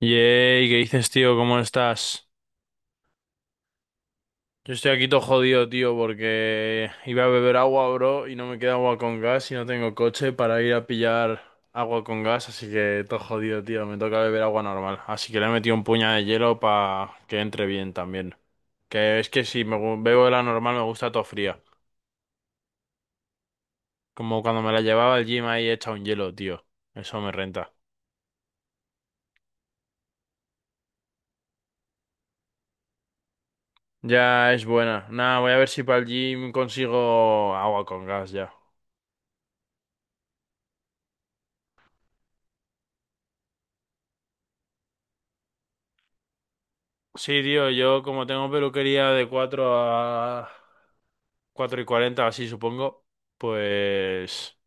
Yey, ¿qué dices, tío? ¿Cómo estás? Yo estoy aquí todo jodido, tío, porque iba a beber agua, bro, y no me queda agua con gas y no tengo coche para ir a pillar agua con gas, así que todo jodido, tío, me toca beber agua normal. Así que le he metido un puñado de hielo para que entre bien también. Que es que si bebo la normal me gusta todo fría. Como cuando me la llevaba al gym ahí hecha un hielo, tío. Eso me renta. Ya es buena. Nada, voy a ver si para el gym consigo agua con gas ya. Sí, tío, yo como tengo peluquería de 4 a 4 y 40, así supongo, pues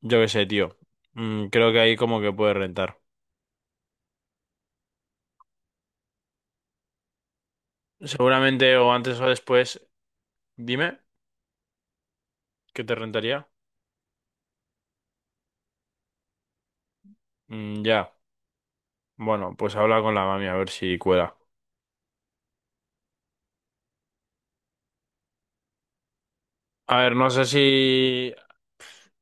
yo qué sé, tío. Creo que ahí como que puede rentar. Seguramente o antes o después, dime, ¿qué te rentaría? Mm, ya, bueno, pues habla con la mami a ver si cuela. A ver, no sé si.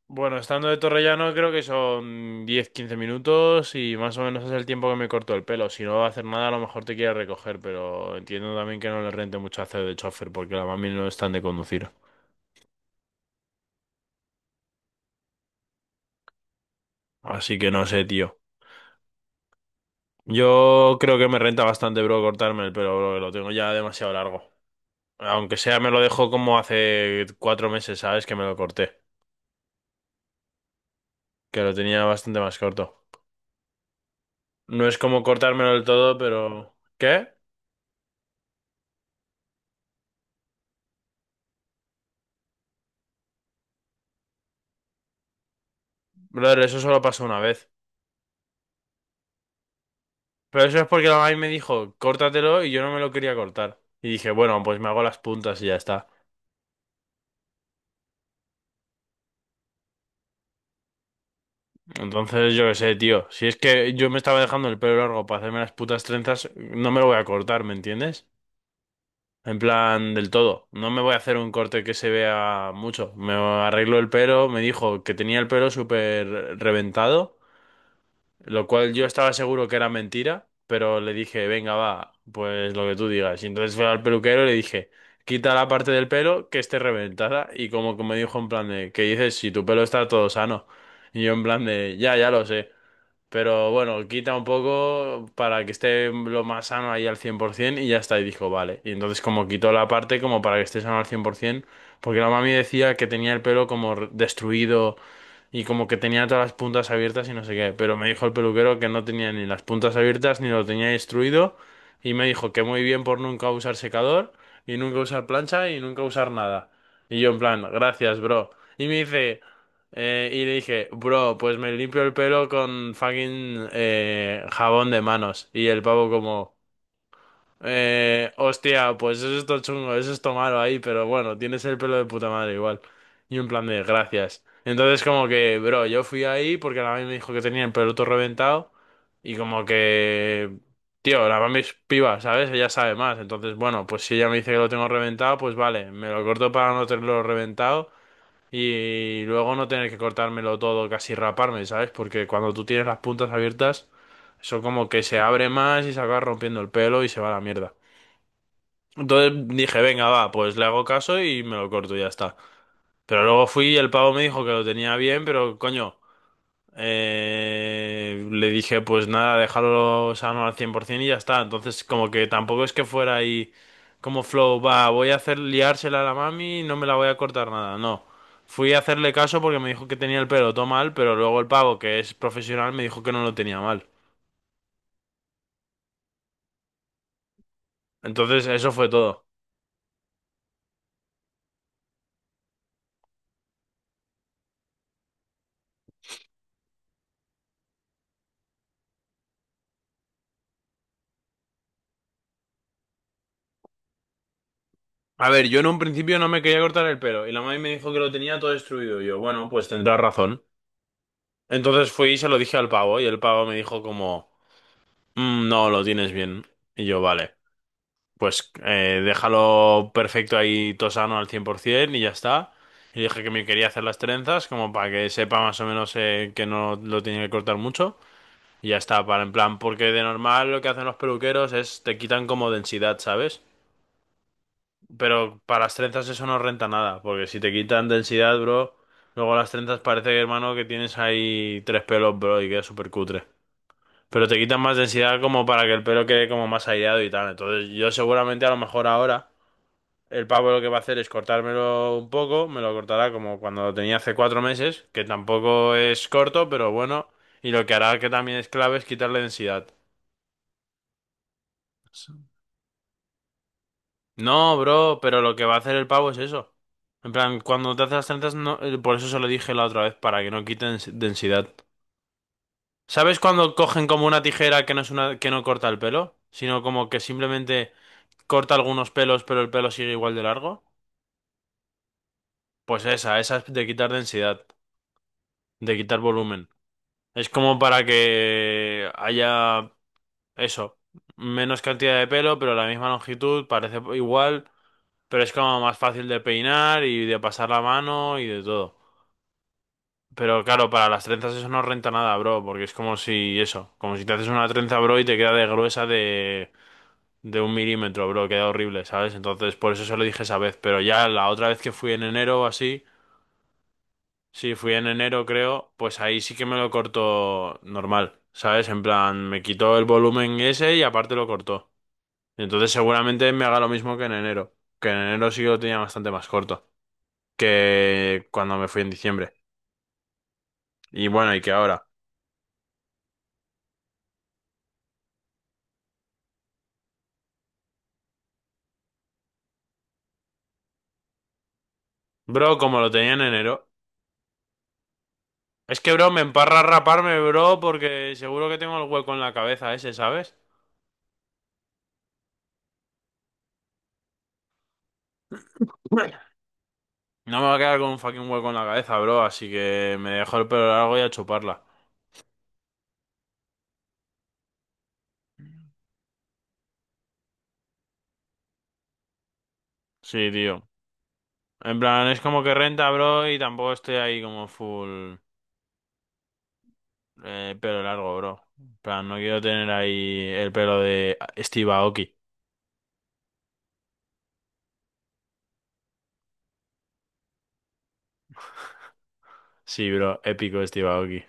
Bueno, estando de Torrellano creo que son diez quince minutos y más o menos es el tiempo que me corto el pelo. Si no va a hacer nada, a lo mejor te quiere recoger, pero entiendo también que no le rente mucho hacer de chofer porque la mami no están de conducir. Así que no sé, tío. Yo creo que me renta bastante, bro, cortarme el pelo, bro, que lo tengo ya demasiado largo. Aunque sea, me lo dejó como hace 4 meses, ¿sabes? Que me lo corté. Que lo tenía bastante más corto. No es como cortármelo del todo, pero... ¿Qué? Brother, eso solo pasó una vez. Pero eso es porque la mami me dijo, córtatelo, y yo no me lo quería cortar. Y dije, bueno, pues me hago las puntas y ya está. Entonces, yo qué sé, tío. Si es que yo me estaba dejando el pelo largo para hacerme las putas trenzas, no me lo voy a cortar, ¿me entiendes? En plan, del todo. No me voy a hacer un corte que se vea mucho. Me arreglo el pelo. Me dijo que tenía el pelo súper reventado. Lo cual yo estaba seguro que era mentira, pero le dije, venga, va, pues lo que tú digas. Y entonces fue al peluquero y le dije, quita la parte del pelo que esté reventada. Y como que me dijo en plan de, ¿qué dices si tu pelo está todo sano? Y yo en plan de, ya, ya lo sé. Pero bueno, quita un poco para que esté lo más sano ahí al 100% y ya está. Y dijo, vale. Y entonces como quitó la parte como para que esté sano al 100%, porque la mami decía que tenía el pelo como destruido y como que tenía todas las puntas abiertas y no sé qué, pero me dijo el peluquero que no tenía ni las puntas abiertas ni lo tenía instruido, y me dijo que muy bien por nunca usar secador y nunca usar plancha y nunca usar nada. Y yo en plan, gracias, bro. Y me dice, y le dije, bro, pues me limpio el pelo con fucking jabón de manos. Y el pavo como... hostia, pues eso es todo chungo, eso es todo malo ahí, pero bueno, tienes el pelo de puta madre igual. Y un plan de gracias. Entonces como que, bro, yo fui ahí porque la mami me dijo que tenía el pelo todo reventado y como que, tío, la mami es piba, ¿sabes? Ella sabe más. Entonces, bueno, pues si ella me dice que lo tengo reventado, pues vale, me lo corto para no tenerlo reventado y luego no tener que cortármelo todo, casi raparme, ¿sabes? Porque cuando tú tienes las puntas abiertas, eso como que se abre más y se acaba rompiendo el pelo y se va a la mierda. Entonces dije, venga, va, pues le hago caso y me lo corto y ya está. Pero luego fui y el pavo me dijo que lo tenía bien, pero coño, le dije, pues nada, déjalo sano al 100% y ya está. Entonces como que tampoco es que fuera ahí como flow, va, voy a hacer liársela a la mami y no me la voy a cortar nada, no. Fui a hacerle caso porque me dijo que tenía el pelo todo mal, pero luego el pavo, que es profesional, me dijo que no lo tenía mal. Entonces eso fue todo. A ver, yo en un principio no me quería cortar el pelo y la mami me dijo que lo tenía todo destruido. Y yo, bueno, pues tendrás razón. Entonces fui y se lo dije al pavo y el pavo me dijo como, "Mm, no, lo tienes bien." Y yo, vale, pues déjalo perfecto ahí, tosano al 100% y ya está. Y dije que me quería hacer las trenzas como para que sepa más o menos que no lo tenía que cortar mucho. Y ya está, para en plan, porque de normal lo que hacen los peluqueros es te quitan como densidad, ¿sabes? Pero para las trenzas eso no renta nada, porque si te quitan densidad, bro, luego las trenzas parece, que, hermano, que tienes ahí tres pelos, bro, y queda súper cutre. Pero te quitan más densidad como para que el pelo quede como más aireado y tal. Entonces yo seguramente a lo mejor ahora el pavo lo que va a hacer es cortármelo un poco, me lo cortará como cuando lo tenía hace 4 meses, que tampoco es corto, pero bueno, y lo que hará que también es clave es quitarle densidad. No, bro, pero lo que va a hacer el pavo es eso. En plan, cuando te hace las trenzas, no, por eso se lo dije la otra vez, para que no quiten densidad. ¿Sabes cuando cogen como una tijera que no es una, que no corta el pelo? Sino como que simplemente corta algunos pelos, pero el pelo sigue igual de largo. Pues esa es de quitar densidad, de quitar volumen. Es como para que haya eso, menos cantidad de pelo, pero la misma longitud, parece igual, pero es como más fácil de peinar y de pasar la mano y de todo. Pero claro, para las trenzas eso no renta nada, bro, porque es como si eso, como si te haces una trenza, bro, y te queda de gruesa de, un milímetro, bro, queda horrible, ¿sabes? Entonces, por eso se lo dije esa vez, pero ya la otra vez que fui en enero o así, sí, fui en enero creo, pues ahí sí que me lo cortó normal, ¿sabes? En plan, me quitó el volumen ese y aparte lo cortó. Entonces seguramente me haga lo mismo que en enero sí que lo tenía bastante más corto que cuando me fui en diciembre. Y bueno, y que ahora. Bro, como lo tenía en enero. Es que, bro, me emparra raparme, bro, porque seguro que tengo el hueco en la cabeza ese, ¿sabes? No me va a quedar con un fucking hueco en la cabeza, bro, así que me dejo el pelo largo y a chuparla. Sí, tío. En plan, es como que renta, bro, y tampoco estoy ahí como full pelo largo, bro. En plan, no quiero tener ahí el pelo de Steve Aoki. Sí, bro, épico Steve Aoki.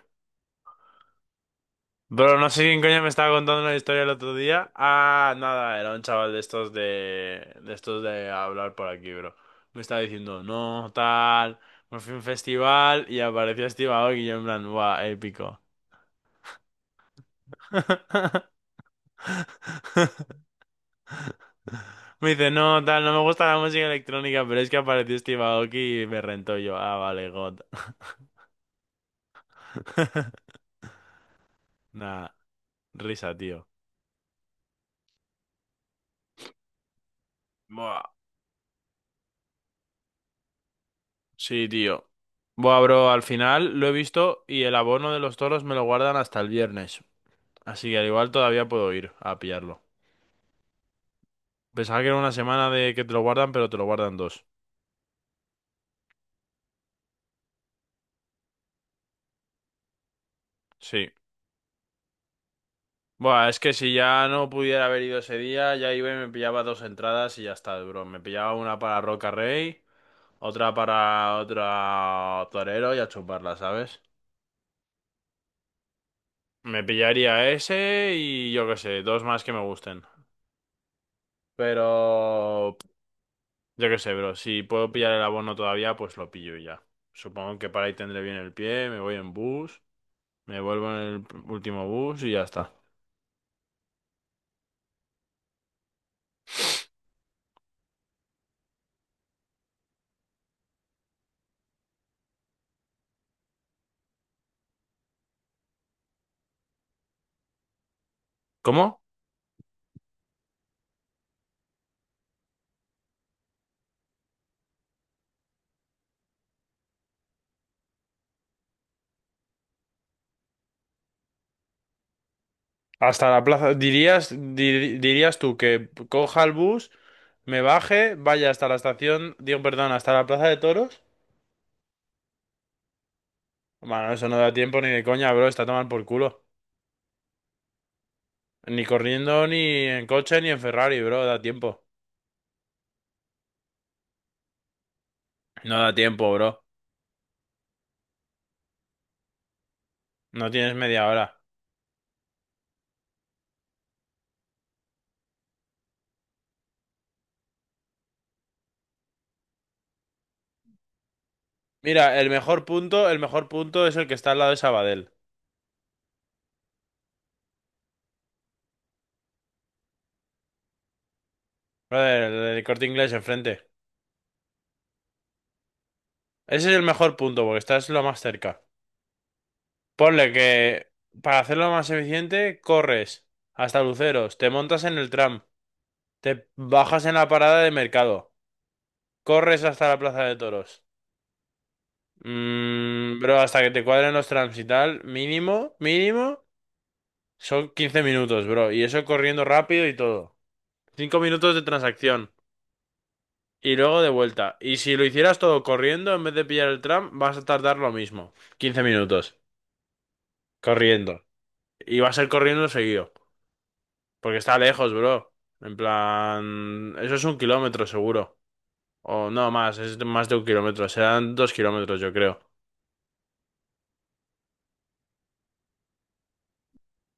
Bro, no sé quién coño me estaba contando una historia el otro día. Ah, nada, era un chaval de estos de estos de hablar por aquí, bro. Me estaba diciendo, no, tal, me fui a un festival y apareció Steve Aoki y yo en plan, guau, épico. Me dice, no, tal, no me gusta la música electrónica, pero es que apareció Steve Aoki y me rentó yo. Ah, vale, God. Nah, risa, tío. Sí, tío. Buah, bro, al final lo he visto y el abono de los toros me lo guardan hasta el viernes. Así que al igual todavía puedo ir a pillarlo. Pensaba que era una semana de que te lo guardan, pero te lo guardan dos. Sí. Buah, es que si ya no pudiera haber ido ese día, ya iba y me pillaba dos entradas y ya está, bro. Me pillaba una para Roca Rey, otra para otro torero y a chuparla, ¿sabes? Me pillaría ese y yo qué sé, dos más que me gusten. Pero. Yo qué sé, bro. Si puedo pillar el abono todavía, pues lo pillo y ya. Supongo que para ahí tendré bien el pie, me voy en bus, me vuelvo en el último bus y ya está. ¿Cómo? Hasta la plaza. ¿Dirías, dirías tú que coja el bus, me baje, vaya hasta la estación, digo, perdón, hasta la plaza de toros? Bueno, eso no da tiempo ni de coña, bro. Está a tomar por culo. Ni corriendo, ni en coche, ni en Ferrari, bro. Da tiempo. No da tiempo, bro. No tienes media hora. Mira, el mejor punto es el que está al lado de Sabadell. Brother, el del Corte Inglés enfrente. Ese es el mejor punto, porque estás lo más cerca. Ponle que para hacerlo más eficiente, corres hasta Luceros, te montas en el tram, te bajas en la parada de mercado, corres hasta la Plaza de Toros. Mm, bro, hasta que te cuadren los trams y tal, mínimo, mínimo, son 15 minutos, bro. Y eso corriendo rápido y todo. 5 minutos de transacción. Y luego de vuelta. Y si lo hicieras todo corriendo, en vez de pillar el tram, vas a tardar lo mismo, 15 minutos. Corriendo. Y va a ser corriendo seguido. Porque está lejos, bro. En plan... Eso es 1 kilómetro seguro. O no más, es más de 1 kilómetro. Serán 2 kilómetros, yo creo.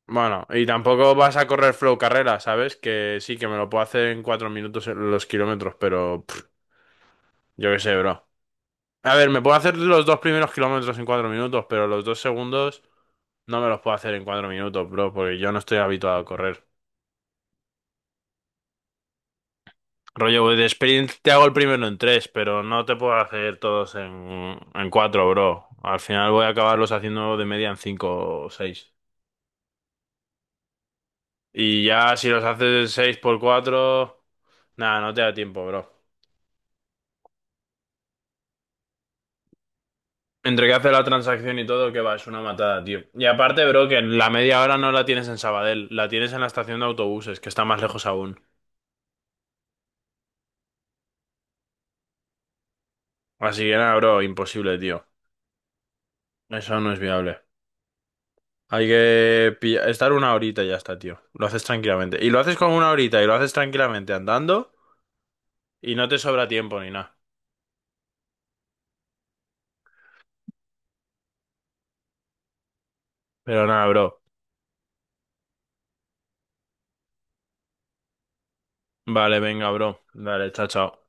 Bueno, y tampoco vas a correr flow carrera, ¿sabes? Que sí, que me lo puedo hacer en 4 minutos en los kilómetros, pero... pff, yo qué sé, bro. A ver, me puedo hacer los 2 primeros kilómetros en 4 minutos, pero los dos segundos no me los puedo hacer en 4 minutos, bro, porque yo no estoy habituado a correr. Rollo, voy de sprint te hago el primero en tres, pero no te puedo hacer todos en, cuatro, bro. Al final voy a acabarlos haciendo de media en cinco o seis. Y ya si los haces seis por cuatro, nada, no te da tiempo, bro. Entre que hace la transacción y todo, que va, es una matada, tío. Y aparte, bro, que la media hora no la tienes en Sabadell, la tienes en la estación de autobuses, que está más lejos aún. Así que nada, bro, imposible, tío. Eso no es viable. Hay que estar una horita y ya está, tío. Lo haces tranquilamente. Y lo haces con una horita y lo haces tranquilamente andando y no te sobra tiempo ni nada. Pero nada, bro. Vale, venga, bro. Dale, chao, chao.